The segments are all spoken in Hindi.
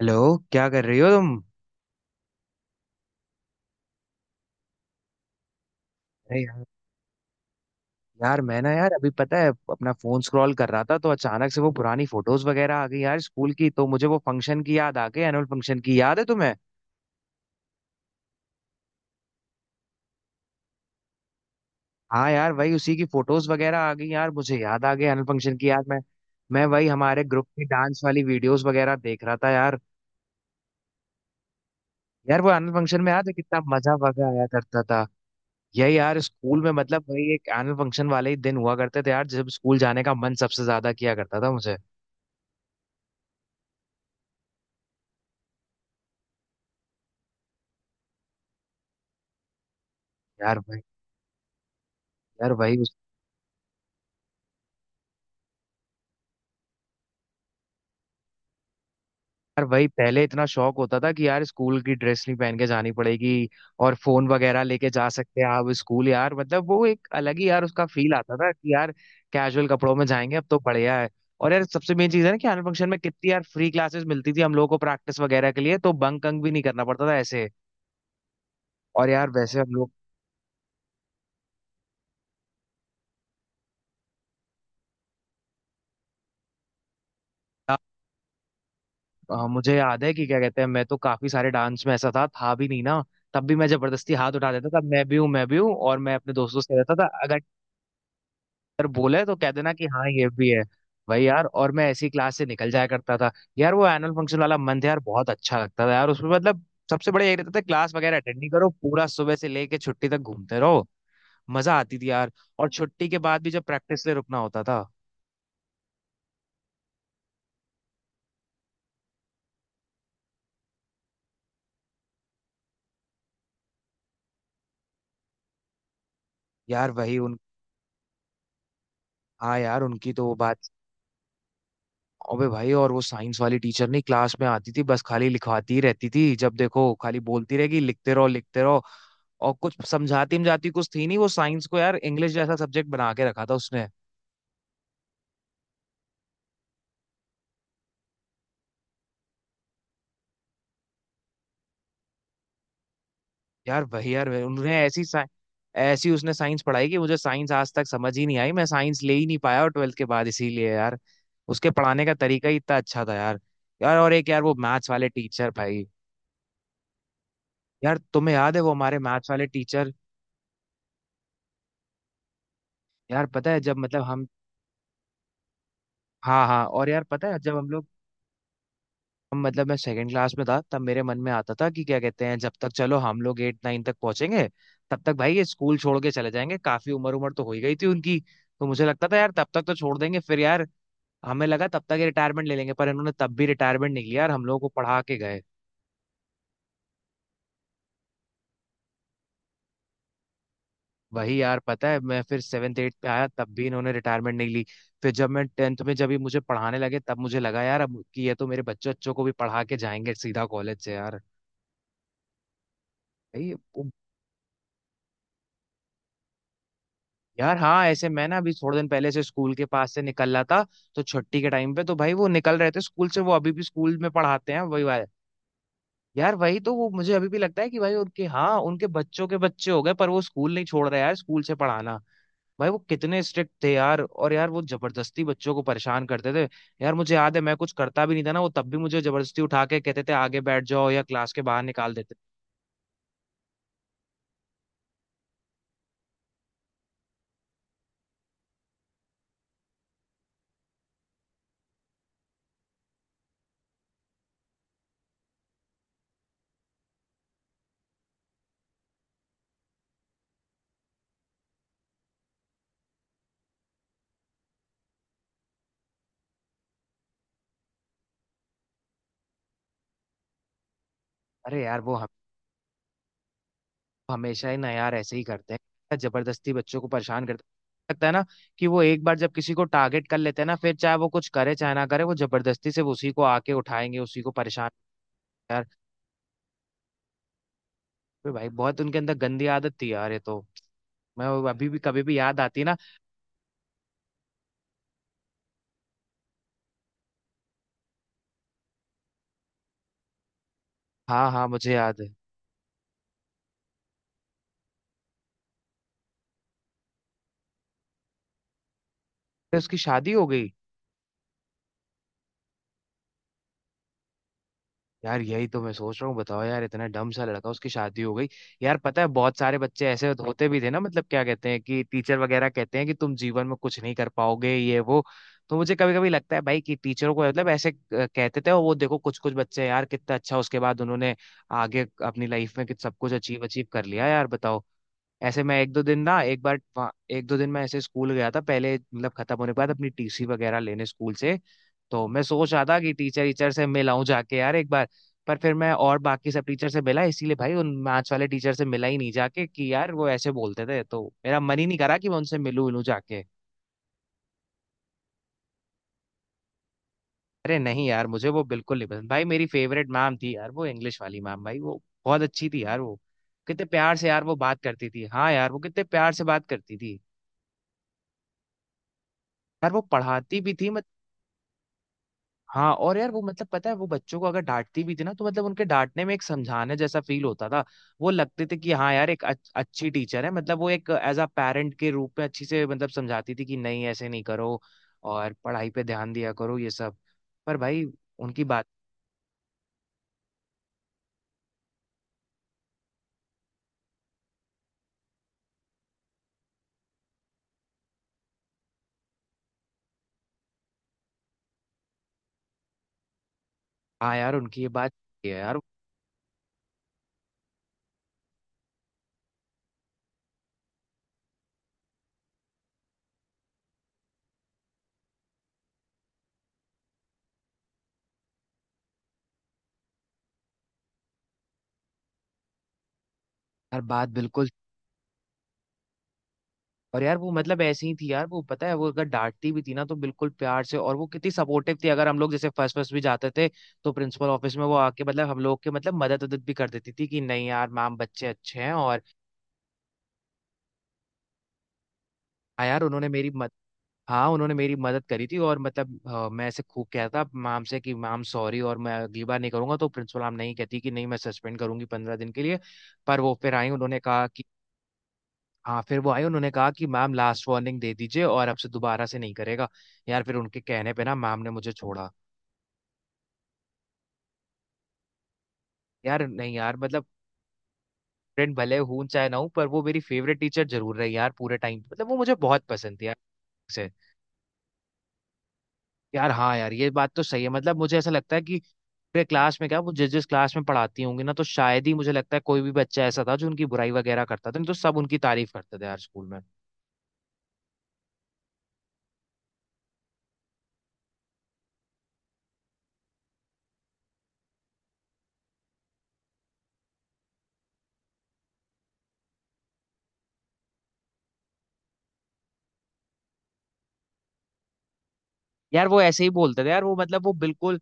हेलो। क्या कर रही हो तुम? अरे यार, यार मैं ना यार अभी पता है अपना फोन स्क्रॉल कर रहा था तो अचानक से वो पुरानी फोटोज वगैरह आ गई यार स्कूल की, तो मुझे वो फंक्शन की याद आ गई। एनुअल फंक्शन की याद है तुम्हें? हाँ यार वही, उसी की फोटोज वगैरह आ गई यार, मुझे याद आ गई एनुअल फंक्शन की। यार मैं वही हमारे ग्रुप की डांस वाली वीडियोस वगैरह देख रहा था यार। यार वो एनुअल फंक्शन में याद है कितना मजा वगैरह आया करता था। यही यार स्कूल में, मतलब वही एक एनुअल फंक्शन वाले ही दिन हुआ करते थे यार जब स्कूल जाने का मन सबसे ज्यादा किया करता था मुझे। यार भाई, यार वही, यार वही पहले इतना शौक होता था कि यार स्कूल की ड्रेस नहीं पहन के जानी पड़ेगी और फोन वगैरह लेके जा सकते हैं आप स्कूल, यार मतलब वो एक अलग ही यार उसका फील आता था कि यार कैजुअल कपड़ों में जाएंगे। अब तो बढ़िया है। और यार सबसे मेन चीज है ना कि एनुअल फंक्शन में कितनी यार फ्री क्लासेस मिलती थी हम लोगों को प्रैक्टिस वगैरह के लिए, तो बंक अंक भी नहीं करना पड़ता था ऐसे। और यार वैसे हम लोग मुझे याद है कि क्या कहते हैं, मैं तो काफी सारे डांस में ऐसा था भी नहीं ना, तब भी मैं जबरदस्ती हाथ उठा देता था मैं भी हूँ मैं भी हूँ, और मैं अपने दोस्तों से कहता था अगर अगर बोले तो कह देना कि हाँ ये भी है। भाई यार, और मैं ऐसी क्लास से निकल जाया करता था। यार वो एनुअल फंक्शन वाला मंथ यार बहुत अच्छा लगता था यार, उसमें मतलब सबसे बड़ा यही रहता था क्लास वगैरह अटेंड नहीं करो, पूरा सुबह से लेके छुट्टी तक घूमते रहो। मजा आती थी यार। और छुट्टी के बाद भी जब प्रैक्टिस ले रुकना होता था। यार वही उन, हाँ यार उनकी तो वो बात। अबे भाई, और वो साइंस वाली टीचर नहीं क्लास में आती थी बस खाली लिखवाती ही रहती थी, जब देखो खाली बोलती रहेगी लिखते रहो लिखते रहो। और कुछ समझाती समझाती कुछ थी नहीं वो, साइंस को यार इंग्लिश जैसा सब्जेक्ट बना के रखा था उसने। यार वही, ऐसी उसने साइंस पढ़ाई कि मुझे साइंस आज तक समझ ही नहीं आई, मैं साइंस ले ही नहीं पाया और ट्वेल्थ के बाद इसीलिए यार। उसके पढ़ाने का तरीका ही इतना अच्छा था यार। यार और एक यार वो मैथ्स वाले टीचर भाई। यार तुम्हें याद है वो हमारे मैथ्स वाले टीचर? यार पता है जब मतलब हम, हाँ हाँ और यार पता है जब हम लोग, मतलब मैं सेकंड क्लास में था तब मेरे मन में आता था कि क्या कहते हैं जब तक चलो हम लोग एट नाइन तक पहुंचेंगे तब तक भाई ये स्कूल छोड़ के चले जाएंगे, काफी उम्र उम्र तो हो ही गई थी उनकी। तो मुझे लगता था यार तब तक तो छोड़ देंगे फिर यार। हमें लगा तब तक ये रिटायरमेंट ले लेंगे, पर इन्होंने तब भी रिटायरमेंट नहीं लिया और हम लोगों को पढ़ा के गए। वही यार पता है मैं फिर सेवन्थ एट पे आया, तब भी इन्होंने रिटायरमेंट नहीं ली। फिर जब मैं टेंथ में जब ये मुझे पढ़ाने लगे तब मुझे लगा यार अब कि ये तो मेरे बच्चों बच्चों को भी पढ़ा के जाएंगे सीधा कॉलेज से यार। भाई। यार हाँ ऐसे मैं ना अभी थोड़े दिन पहले से स्कूल के पास से निकल रहा था तो छुट्टी के टाइम पे, तो भाई वो निकल रहे थे स्कूल से, वो अभी भी स्कूल में पढ़ाते हैं वही वाले। यार वही तो, वो मुझे अभी भी लगता है कि भाई उनके हाँ उनके बच्चों के बच्चे हो गए पर वो स्कूल नहीं छोड़ रहे यार स्कूल से पढ़ाना। भाई वो कितने स्ट्रिक्ट थे यार, और यार वो जबरदस्ती बच्चों को परेशान करते थे। यार मुझे याद है मैं कुछ करता भी नहीं था ना, वो तब भी मुझे जबरदस्ती उठा के कहते थे आगे बैठ जाओ या क्लास के बाहर निकाल देते। अरे यार वो हमेशा ही ना यार ऐसे ही करते हैं, जबरदस्ती बच्चों को परेशान करते हैं, लगता है ना कि वो एक बार जब किसी को टारगेट कर लेते हैं ना फिर चाहे वो कुछ करे चाहे ना करे वो जबरदस्ती से उसी को आके उठाएंगे, उसी को परेशान यार। फिर भाई बहुत उनके अंदर गंदी आदत थी यार ये तो। मैं वो अभी भी कभी भी याद आती है ना। हाँ हाँ मुझे याद है। फिर उसकी शादी हो गई? यार यही तो मैं सोच रहा हूँ, बताओ यार इतना डम सा लड़का उसकी शादी हो गई। यार पता है बहुत सारे बच्चे ऐसे होते भी थे ना मतलब, क्या कहते हैं कि टीचर वगैरह कहते हैं कि तुम जीवन में कुछ नहीं कर पाओगे ये वो, तो मुझे कभी कभी लगता है भाई कि टीचरों को मतलब ऐसे कहते थे और वो देखो कुछ कुछ बच्चे यार कितना अच्छा उसके बाद उन्होंने आगे अपनी लाइफ में सब कुछ अचीव अचीव कर लिया यार, बताओ। ऐसे मैं एक दो दिन ना एक बार एक दो दिन मैं ऐसे स्कूल गया था पहले मतलब खत्म होने के बाद अपनी टीसी वगैरह लेने स्कूल से, तो मैं सोच रहा था कि टीचर टीचर से मिल आऊं जाके यार एक बार। पर फिर मैं और बाकी सब टीचर से मिला इसीलिए, भाई उन मैथ्स वाले टीचर से मिला ही नहीं जाके, कि यार वो ऐसे बोलते थे तो मेरा मन ही नहीं करा कि मैं उनसे मिलूं मिलूं जाके। अरे नहीं यार मुझे वो बिल्कुल नहीं पसंद भाई, मेरी फेवरेट मैम थी यार वो इंग्लिश वाली मैम, भाई वो बहुत अच्छी थी यार वो। कितने प्यार से यार वो बात करती थी, हाँ यार वो कितने प्यार से बात करती थी। यार वो पढ़ाती भी थी। हाँ और यार वो मतलब पता है वो बच्चों को अगर डांटती भी थी ना तो मतलब उनके डांटने में एक समझाने जैसा फील होता था। वो लगते थे कि हाँ यार एक अच्छी टीचर है, मतलब वो एक एज अ पेरेंट के रूप में अच्छी से मतलब समझाती थी कि नहीं ऐसे नहीं करो और पढ़ाई पे ध्यान दिया करो ये सब। पर भाई उनकी बात, हाँ यार उनकी ये बात सही है यार, हर बात बिल्कुल। और यार वो मतलब ऐसी ही थी यार वो, पता है वो अगर डांटती भी थी ना तो बिल्कुल प्यार से, और वो कितनी सपोर्टिव थी। अगर हम लोग जैसे फर्स्ट फर्स्ट भी जाते थे तो प्रिंसिपल ऑफिस में वो आके मतलब हम लोग के मतलब मदद उदद भी कर देती थी कि नहीं यार मैम बच्चे अच्छे हैं और। हाँ यार उन्होंने मेरी मद, हाँ उन्होंने मेरी मदद करी थी, और मतलब मैं ऐसे खूब कहता मैम से कि मैम सॉरी और मैं अगली बार नहीं करूंगा, तो प्रिंसिपल मैम नहीं कहती कि नहीं मैं सस्पेंड करूंगी पंद्रह दिन के लिए। पर वो फिर आई उन्होंने कहा, हाँ फिर वो आई उन्होंने कहा कि मैम लास्ट वार्निंग दे दीजिए और अब से दोबारा से नहीं करेगा। यार फिर उनके कहने पे ना मैम ने मुझे छोड़ा। यार नहीं यार मतलब फ्रेंड भले हूं चाहे ना हूं पर वो मेरी फेवरेट टीचर जरूर रही यार, पूरे टाइम मतलब वो मुझे बहुत पसंद थी यार से। यार हाँ यार ये बात तो सही है, मतलब मुझे ऐसा लगता है कि पूरे क्लास में क्या वो जिस जिस क्लास में पढ़ाती होंगी ना तो शायद ही मुझे लगता है कोई भी बच्चा ऐसा था जो उनकी बुराई वगैरह करता था, नहीं तो सब उनकी तारीफ करते थे यार स्कूल में। यार वो ऐसे ही बोलते थे यार वो मतलब वो बिल्कुल,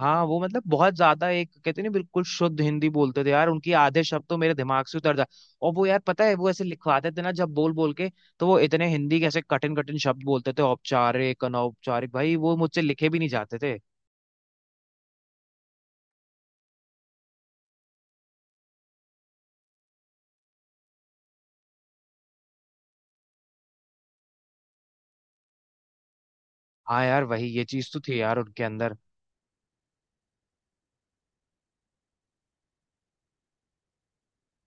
हाँ वो मतलब बहुत ज्यादा एक कहते नहीं बिल्कुल शुद्ध हिंदी बोलते थे यार, उनकी आधे शब्द तो मेरे दिमाग से उतर जाए। और वो यार पता है वो ऐसे लिखवाते थे ना जब बोल बोल के, तो वो इतने हिंदी के ऐसे कठिन कठिन शब्द बोलते थे औपचारिक अनौपचारिक, भाई वो मुझसे लिखे भी नहीं जाते थे। हाँ यार वही ये चीज तो थी यार उनके अंदर।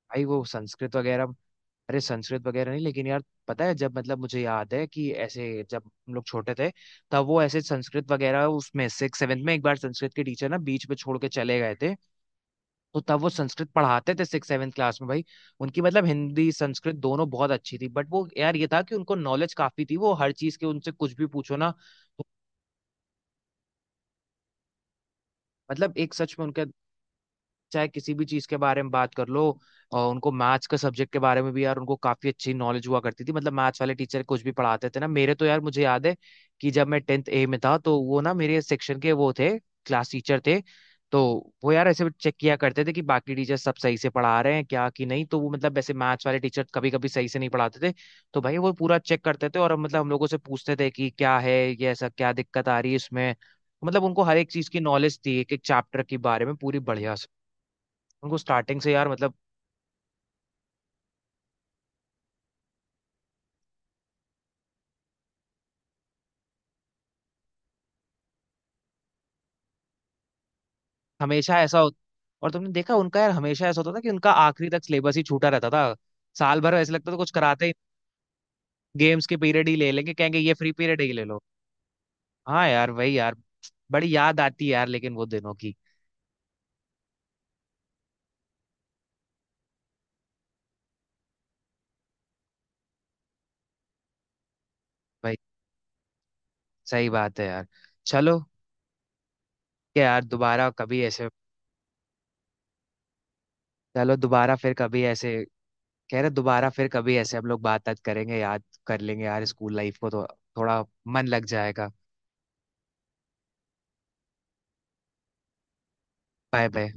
भाई वो संस्कृत वगैरह, अरे संस्कृत वगैरह नहीं लेकिन यार पता है जब मतलब मुझे याद है कि ऐसे जब हम लोग छोटे थे तब वो ऐसे संस्कृत वगैरह, उसमें सिक्स सेवेंथ में एक बार संस्कृत के टीचर ना बीच में छोड़ के चले गए थे, तो तब वो संस्कृत पढ़ाते थे सिक्स सेवेंथ क्लास में भाई। उनकी मतलब हिंदी संस्कृत दोनों बहुत अच्छी थी, बट वो यार ये था कि उनको नॉलेज काफी थी वो हर चीज के, उनसे कुछ भी पूछो ना तो, मतलब एक सच में उनका चाहे किसी भी चीज के बारे में बात कर लो। और उनको मैथ्स के सब्जेक्ट के बारे में भी यार उनको काफी अच्छी नॉलेज हुआ करती थी, मतलब मैथ्स वाले टीचर कुछ भी पढ़ाते थे ना, मेरे तो यार मुझे याद है कि जब मैं टेंथ ए में था तो वो ना मेरे सेक्शन के वो थे, क्लास टीचर थे। तो वो यार ऐसे चेक किया करते थे कि बाकी टीचर सब सही से पढ़ा रहे हैं क्या कि नहीं, तो वो मतलब ऐसे मैथ्स वाले टीचर कभी कभी सही से नहीं पढ़ाते थे। तो भाई वो पूरा चेक करते थे और मतलब हम लोगों से पूछते थे कि क्या है, ये ऐसा क्या दिक्कत आ रही है इसमें। मतलब उनको हर एक चीज की नॉलेज थी, एक एक चैप्टर के बारे में पूरी बढ़िया से। उनको स्टार्टिंग से यार मतलब हमेशा ऐसा हो, और तुमने देखा उनका यार हमेशा ऐसा होता था कि उनका आखिरी तक सिलेबस ही छूटा रहता था। साल भर ऐसे लगता था कुछ कराते ही, गेम्स के पीरियड ही ले लेंगे कहेंगे ये फ्री पीरियड ही ले लो। हाँ यार वही यार, बड़ी याद आती है यार लेकिन वो दिनों की। भाई सही बात है यार। चलो क्या यार दोबारा कभी ऐसे, चलो दोबारा फिर कभी ऐसे, कह रहे दोबारा फिर कभी ऐसे हम लोग बात बात करेंगे, याद कर लेंगे यार स्कूल लाइफ को, तो थोड़ा मन लग जाएगा। Bye bye.